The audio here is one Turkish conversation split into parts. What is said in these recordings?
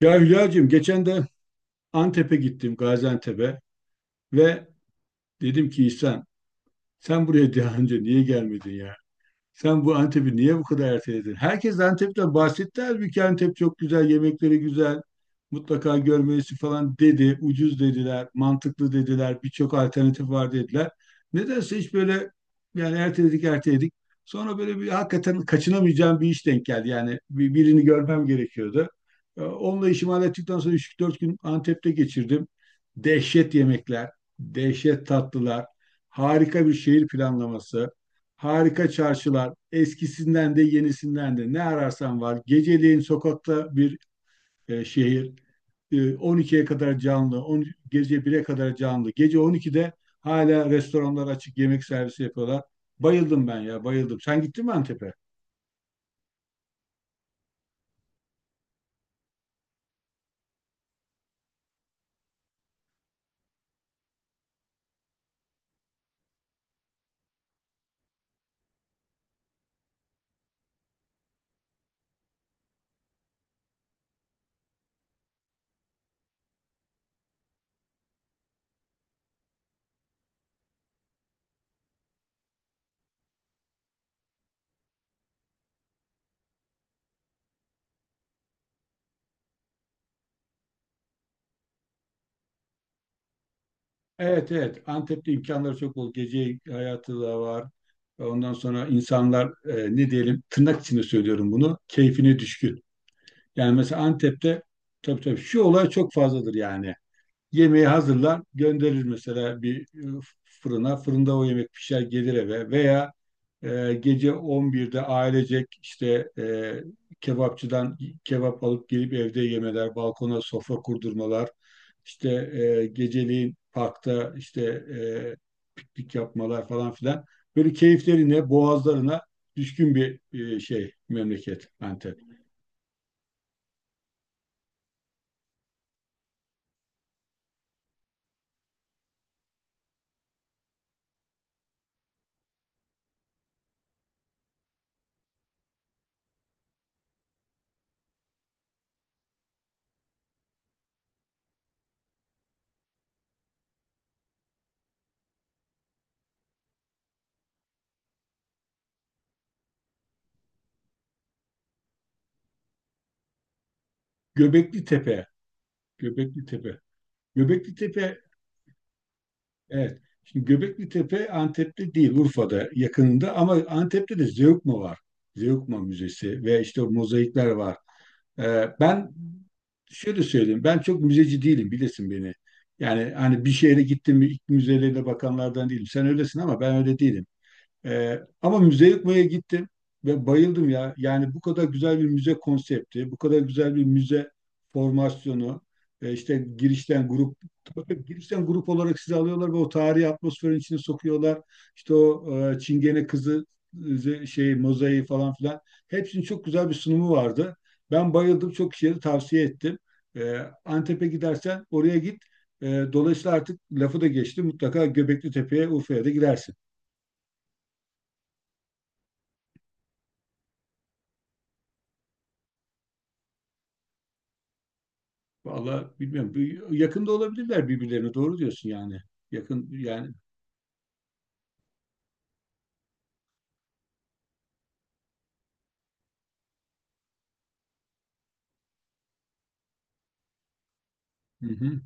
Ya Hülya'cığım geçen de Antep'e gittim, Gaziantep'e ve dedim ki İhsan, sen buraya daha önce niye gelmedin ya? Sen bu Antep'i niye bu kadar erteledin? Herkes Antep'ten bahsetti. Halbuki Antep çok güzel, yemekleri güzel. Mutlaka görmelisin falan dedi. Ucuz dediler, mantıklı dediler. Birçok alternatif var dediler. Nedense hiç böyle yani erteledik. Sonra böyle bir hakikaten kaçınamayacağım bir iş denk geldi. Yani birini görmem gerekiyordu. Onunla işimi hallettikten sonra üç dört gün Antep'te geçirdim. Dehşet yemekler, dehşet tatlılar, harika bir şehir planlaması. Harika çarşılar, eskisinden de yenisinden de ne ararsan var. Geceleyin sokakta bir e, şehir, E, 12'ye kadar canlı, 10, gece 1'e kadar canlı. Gece 12'de hala restoranlar açık, yemek servisi yapıyorlar. Bayıldım ben ya, bayıldım. Sen gittin mi Antep'e? Evet, evet. Antep'te imkanları çok bol. Gece hayatı da var. Ondan sonra insanlar, ne diyelim, tırnak içinde söylüyorum bunu, keyfine düşkün. Yani mesela Antep'te tabii tabii şu olay çok fazladır yani. Yemeği hazırlar, gönderir mesela bir fırına. Fırında o yemek pişer gelir eve veya gece 11'de ailecek kebapçıdan kebap alıp gelip evde yemeler, balkona sofra kurdurmalar, işte geceliğin parkta piknik yapmalar falan filan. Böyle keyiflerine, boğazlarına düşkün bir şey memleket Antep. Göbekli Tepe, Göbekli Tepe. Göbekli. Evet. Şimdi Göbekli Tepe Antep'te değil, Urfa'da yakınında ama Antep'te de Zeugma var. Zeugma Müzesi ve işte o mozaikler var. Ben Şöyle söyleyeyim, ben çok müzeci değilim, bilirsin beni. Yani hani bir şehre gittim mi ilk müzelerine bakanlardan değilim. Sen öylesin ama ben öyle değilim. Ama müze yıkmaya gittim ve bayıldım ya. Yani bu kadar güzel bir müze konsepti, bu kadar güzel bir müze formasyonu, e, işte girişten grup, tabii girişten grup olarak sizi alıyorlar ve o tarihi atmosferin içine sokuyorlar. İşte o Çingene kızı şey mozaiği falan filan. Hepsinin çok güzel bir sunumu vardı. Ben bayıldım, çok kişiye de tavsiye ettim. E, Antep'e gidersen oraya git. E, dolayısıyla artık lafı da geçti. Mutlaka Göbekli Tepe'ye, Urfa'ya da gidersin. Vallahi bilmiyorum. Yakında olabilirler birbirlerine. Doğru diyorsun yani. Yakın yani. Hı hı.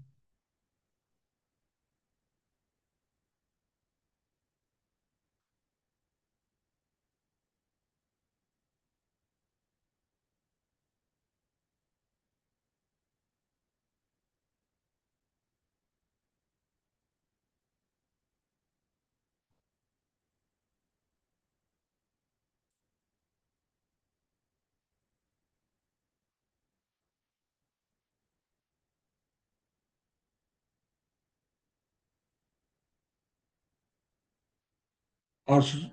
Arsuz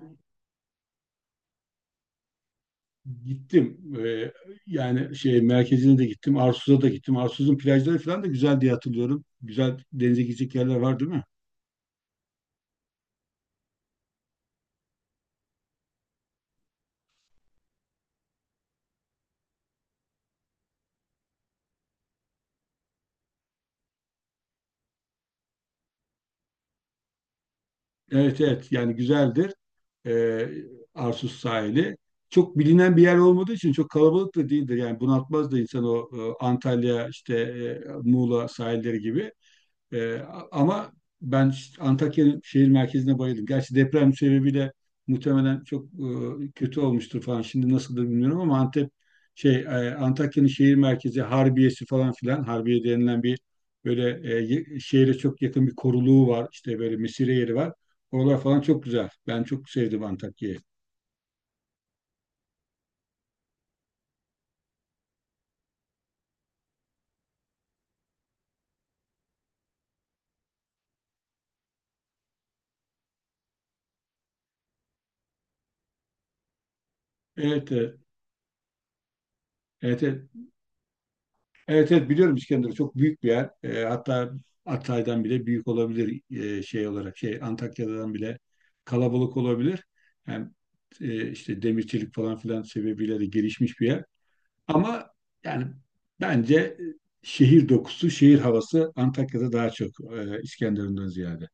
gittim. Ee, Yani şey merkezine de gittim. Arsuz'a da gittim. Arsuz'un plajları falan da güzel diye hatırlıyorum. Güzel denize girecek yerler var değil mi? Evet evet. Yani güzeldir. Ee, Arsuz sahili. Çok bilinen bir yer olmadığı için çok kalabalık da değildir. Yani bunaltmaz da insan o Antalya Muğla sahilleri gibi. Ee, ama Ben Antakya şehir merkezine bayıldım. Gerçi deprem sebebiyle muhtemelen çok kötü olmuştur falan. Şimdi nasıldır bilmiyorum ama Antep Antakya'nın şehir merkezi Harbiye'si falan filan. Harbiye denilen bir böyle şehre çok yakın bir koruluğu var. İşte böyle mesire yeri var. Oralar falan çok güzel. Ben çok sevdim Antakya'yı. Evet, e, evet, evet. Evet evet biliyorum, İskenderun çok büyük bir yer. Hatta Hatay'dan bile büyük olabilir olarak. Şey, Antakya'dan bile kalabalık olabilir. Hem işte demirçilik falan filan sebebiyle de gelişmiş bir yer. Ama yani bence şehir dokusu, şehir havası Antakya'da daha çok, İskenderun'dan ziyade.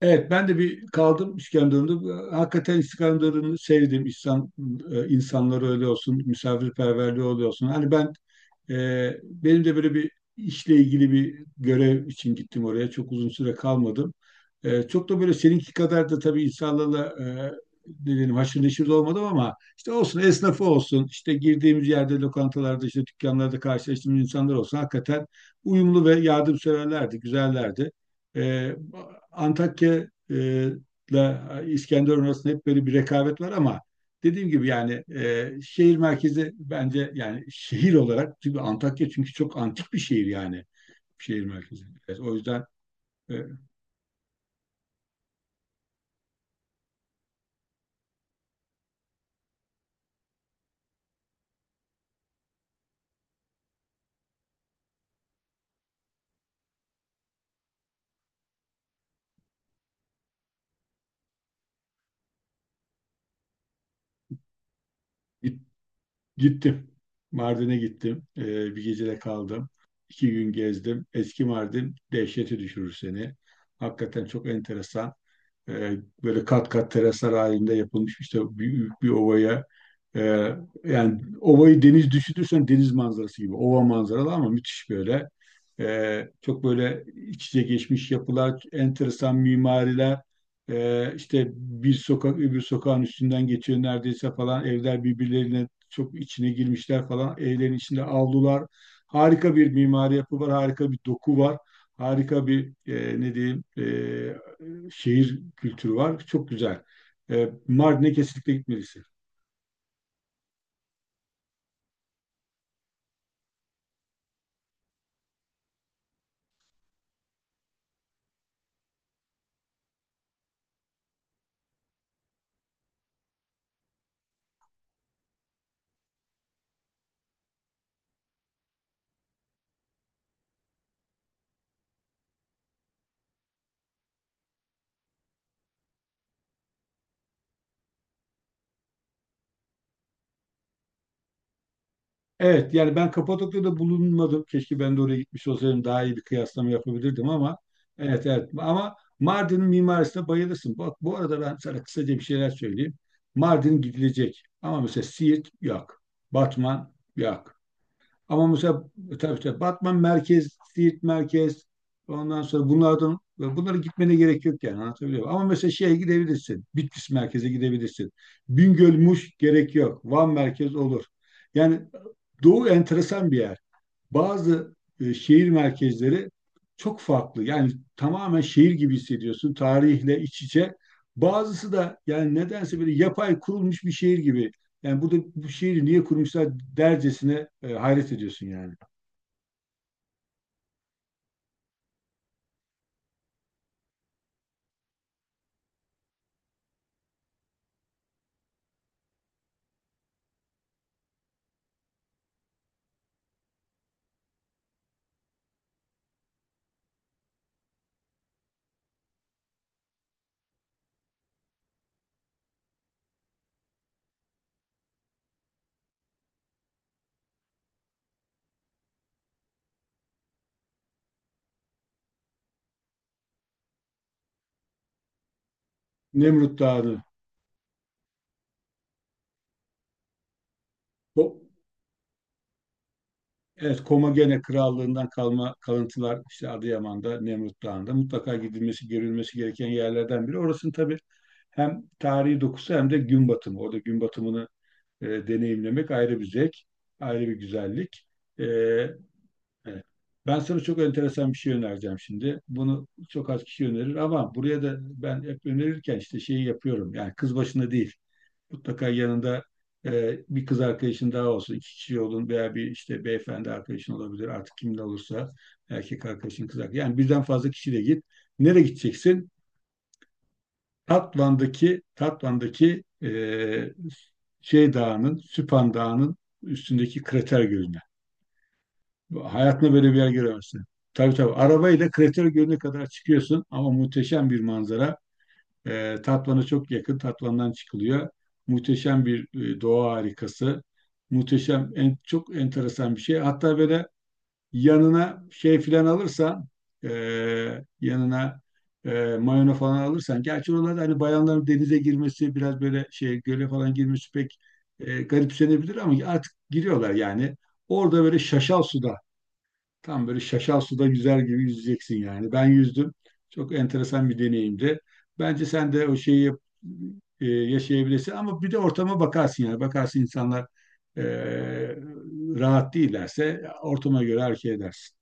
Evet, ben de bir kaldım İskenderun'da. Hakikaten İskenderun'u sevdim. İnsan, insanları öyle olsun, misafirperverliği öyle olsun. Hani ben benim de böyle bir işle ilgili bir görev için gittim oraya. Çok uzun süre kalmadım. E, çok da böyle seninki kadar da tabii insanlarla ne diyelim haşır neşir de olmadım ama işte olsun esnafı olsun işte girdiğimiz yerde lokantalarda işte dükkanlarda karşılaştığımız insanlar olsun hakikaten uyumlu ve yardımseverlerdi, güzellerdi. E, Antakya e, ile İskenderun arasında hep böyle bir rekabet var ama dediğim gibi yani şehir merkezi bence yani şehir olarak çünkü Antakya çünkü çok antik bir şehir yani şehir merkezi. Evet, o yüzden e, git- gittim. Mardin'e gittim. E, bir gecede kaldım. İki gün gezdim. Eski Mardin dehşete düşürür seni. Hakikaten çok enteresan. E, Böyle kat kat teraslar halinde yapılmış işte büyük bir ovaya, e, yani ovayı deniz düşünürsen deniz manzarası gibi ova manzaralı ama müthiş böyle. Çok böyle iç içe geçmiş yapılar, enteresan mimariler. İşte bir sokak öbür sokağın üstünden geçiyor neredeyse falan, evler birbirlerine çok içine girmişler falan, evlerin içinde avlular, harika bir mimari yapı var, harika bir doku var, harika bir şehir kültürü var. Çok güzel. Mardin'e kesinlikle gitmelisin. Evet yani ben Kapadokya'da bulunmadım. Keşke ben de oraya gitmiş olsaydım daha iyi bir kıyaslama yapabilirdim ama evet evet ama Mardin'in mimarisine bayılırsın. Bak bu arada ben sana kısaca bir şeyler söyleyeyim. Mardin gidilecek ama mesela Siirt yok. Batman yok. Ama mesela tabii tabii işte Batman merkez, Siirt merkez, ondan sonra bunlardan bunlara gitmene gerek yok yani, anlatabiliyor muyum? Ama mesela şeye gidebilirsin. Bitlis merkeze gidebilirsin. Bingöl, Muş gerek yok. Van merkez olur. Yani Doğu enteresan bir yer. Bazı şehir merkezleri çok farklı. Yani tamamen şehir gibi hissediyorsun. Tarihle iç içe. Bazısı da yani nedense böyle yapay kurulmuş bir şehir gibi. Yani burada bu şehri niye kurmuşlar dercesine hayret ediyorsun yani. Nemrut Dağı'nı. O, evet, Komagene Krallığından kalma kalıntılar işte Adıyaman'da, Nemrut Dağı'nda mutlaka gidilmesi, görülmesi gereken yerlerden biri. Orasının tabii hem tarihi dokusu hem de gün batımı. Orada gün batımını deneyimlemek ayrı bir zevk, ayrı bir güzellik. E, evet. Ben sana çok enteresan bir şey önereceğim şimdi. Bunu çok az kişi önerir ama buraya da ben hep önerirken işte şeyi yapıyorum. Yani kız başına değil. Mutlaka yanında bir kız arkadaşın daha olsun. İki kişi olun veya bir işte beyefendi arkadaşın olabilir. Artık kimin olursa, erkek arkadaşın, kız arkadaşın. Yani birden fazla kişiyle git. Nereye gideceksin? Tatvan'daki şey dağının, Süphan Dağı'nın üstündeki krater gölüne. Hayatında böyle bir yer göremezsin. Tabii tabii. Arabayla krater gölüne kadar çıkıyorsun, ama muhteşem bir manzara. Tatvan'a çok yakın. Tatvan'dan çıkılıyor. Muhteşem bir doğa harikası. Muhteşem, en, çok enteresan bir şey. Hatta böyle yanına şey filan alırsan, e, yanına mayona falan alırsan, gerçi oralarda hani bayanların denize girmesi biraz böyle şey, göle falan girmesi pek garipsenebilir ama artık giriyorlar yani. Orada böyle şaşal suda, tam böyle şaşal suda güzel gibi yüzeceksin yani. Ben yüzdüm. Çok enteresan bir deneyimdi. Bence sen de o şeyi yaşayabilirsin, ama bir de ortama bakarsın yani. Bakarsın insanlar e, rahat değillerse ortama göre hareket edersin.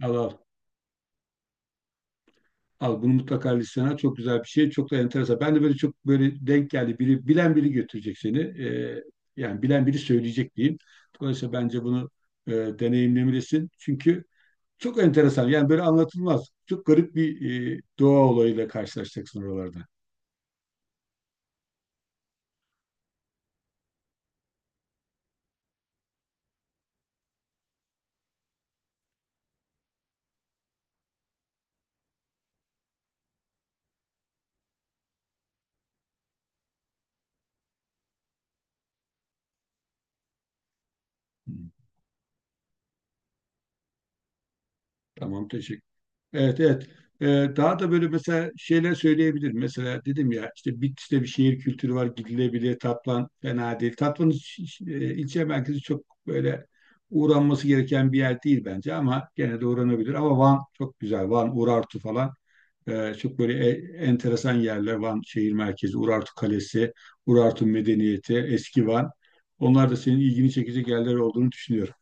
Al al. Al bunu mutlaka listene al. Çok güzel bir şey. Çok da enteresan. Ben de böyle çok böyle denk geldi. Biri, bilen biri götürecek seni. Yani bilen biri söyleyecek diyeyim. Dolayısıyla bence bunu deneyimlemelisin. Çünkü çok enteresan. Yani böyle anlatılmaz. Çok garip bir doğa olayıyla karşılaşacaksın oralarda. Tamam, teşekkür. Evet, evet. Ee, Daha da böyle mesela şeyler söyleyebilirim. Mesela dedim ya işte Bitlis'te bir şehir kültürü var, gidilebilir. Tatvan fena değil. Tatvan ilçe merkezi çok böyle uğranması gereken bir yer değil bence ama gene de uğranabilir. Ama Van çok güzel. Van, Urartu falan. Çok böyle enteresan yerler. Van şehir merkezi, Urartu Kalesi, Urartu Medeniyeti, Eski Van. Onlar da senin ilgini çekecek yerler olduğunu düşünüyorum.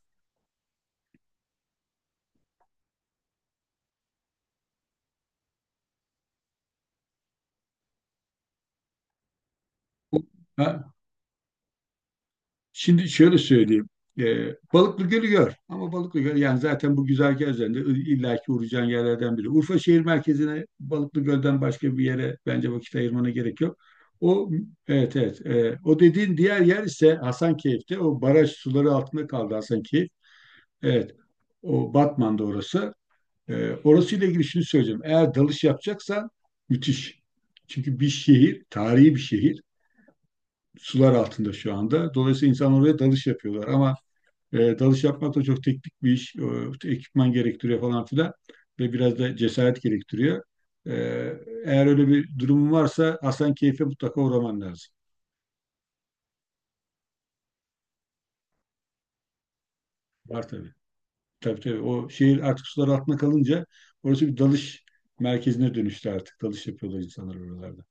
Şimdi şöyle söyleyeyim. Balıklı Gölü gör. Ama Balıklı Gölü yani zaten bu güzergah üzerinde illaki uğrayacağın yerlerden biri. Urfa şehir merkezine Balıklı Göl'den başka bir yere bence vakit ayırmana gerek yok. O, evet evet. O dediğin diğer yer ise Hasankeyf'te. O baraj suları altında kaldı Hasankeyf. Evet. O Batman'da, orası. Orasıyla ilgili şunu söyleyeceğim. Eğer dalış yapacaksan müthiş. Çünkü bir şehir, tarihi bir şehir. Sular altında şu anda. Dolayısıyla insanlar oraya dalış yapıyorlar. Ama dalış yapmak da çok teknik bir iş. E, ekipman gerektiriyor falan filan. Ve biraz da cesaret gerektiriyor. E, Eğer öyle bir durumun varsa Hasankeyf'e mutlaka uğraman lazım. Var tabii. Tabii tabii. O şehir artık sular altına kalınca orası bir dalış merkezine dönüştü artık. Dalış yapıyorlar insanlar oralarda.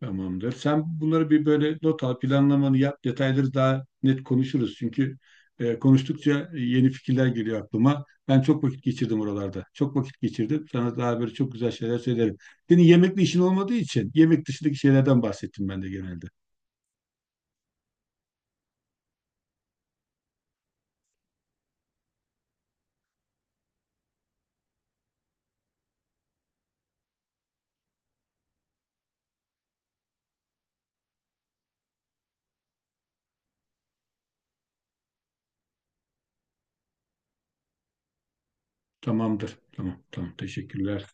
Tamamdır. Sen bunları bir böyle not al, planlamanı yap, detayları daha net konuşuruz. Çünkü konuştukça yeni fikirler geliyor aklıma. Ben çok vakit geçirdim oralarda. Çok vakit geçirdim. Sana daha böyle çok güzel şeyler söylerim. Senin yemekle işin olmadığı için yemek dışındaki şeylerden bahsettim ben de genelde. Tamamdır. Tamam, tamam. Teşekkürler.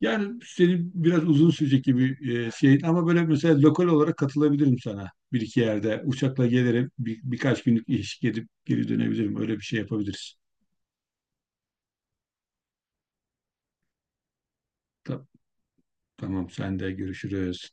Yani senin biraz uzun sürecek gibi şey, ama böyle mesela lokal olarak katılabilirim sana. Bir iki yerde uçakla gelirim. Birkaç günlük iş, gidip geri dönebilirim. Öyle bir şey yapabiliriz. Tamam. Tamam, sen de görüşürüz.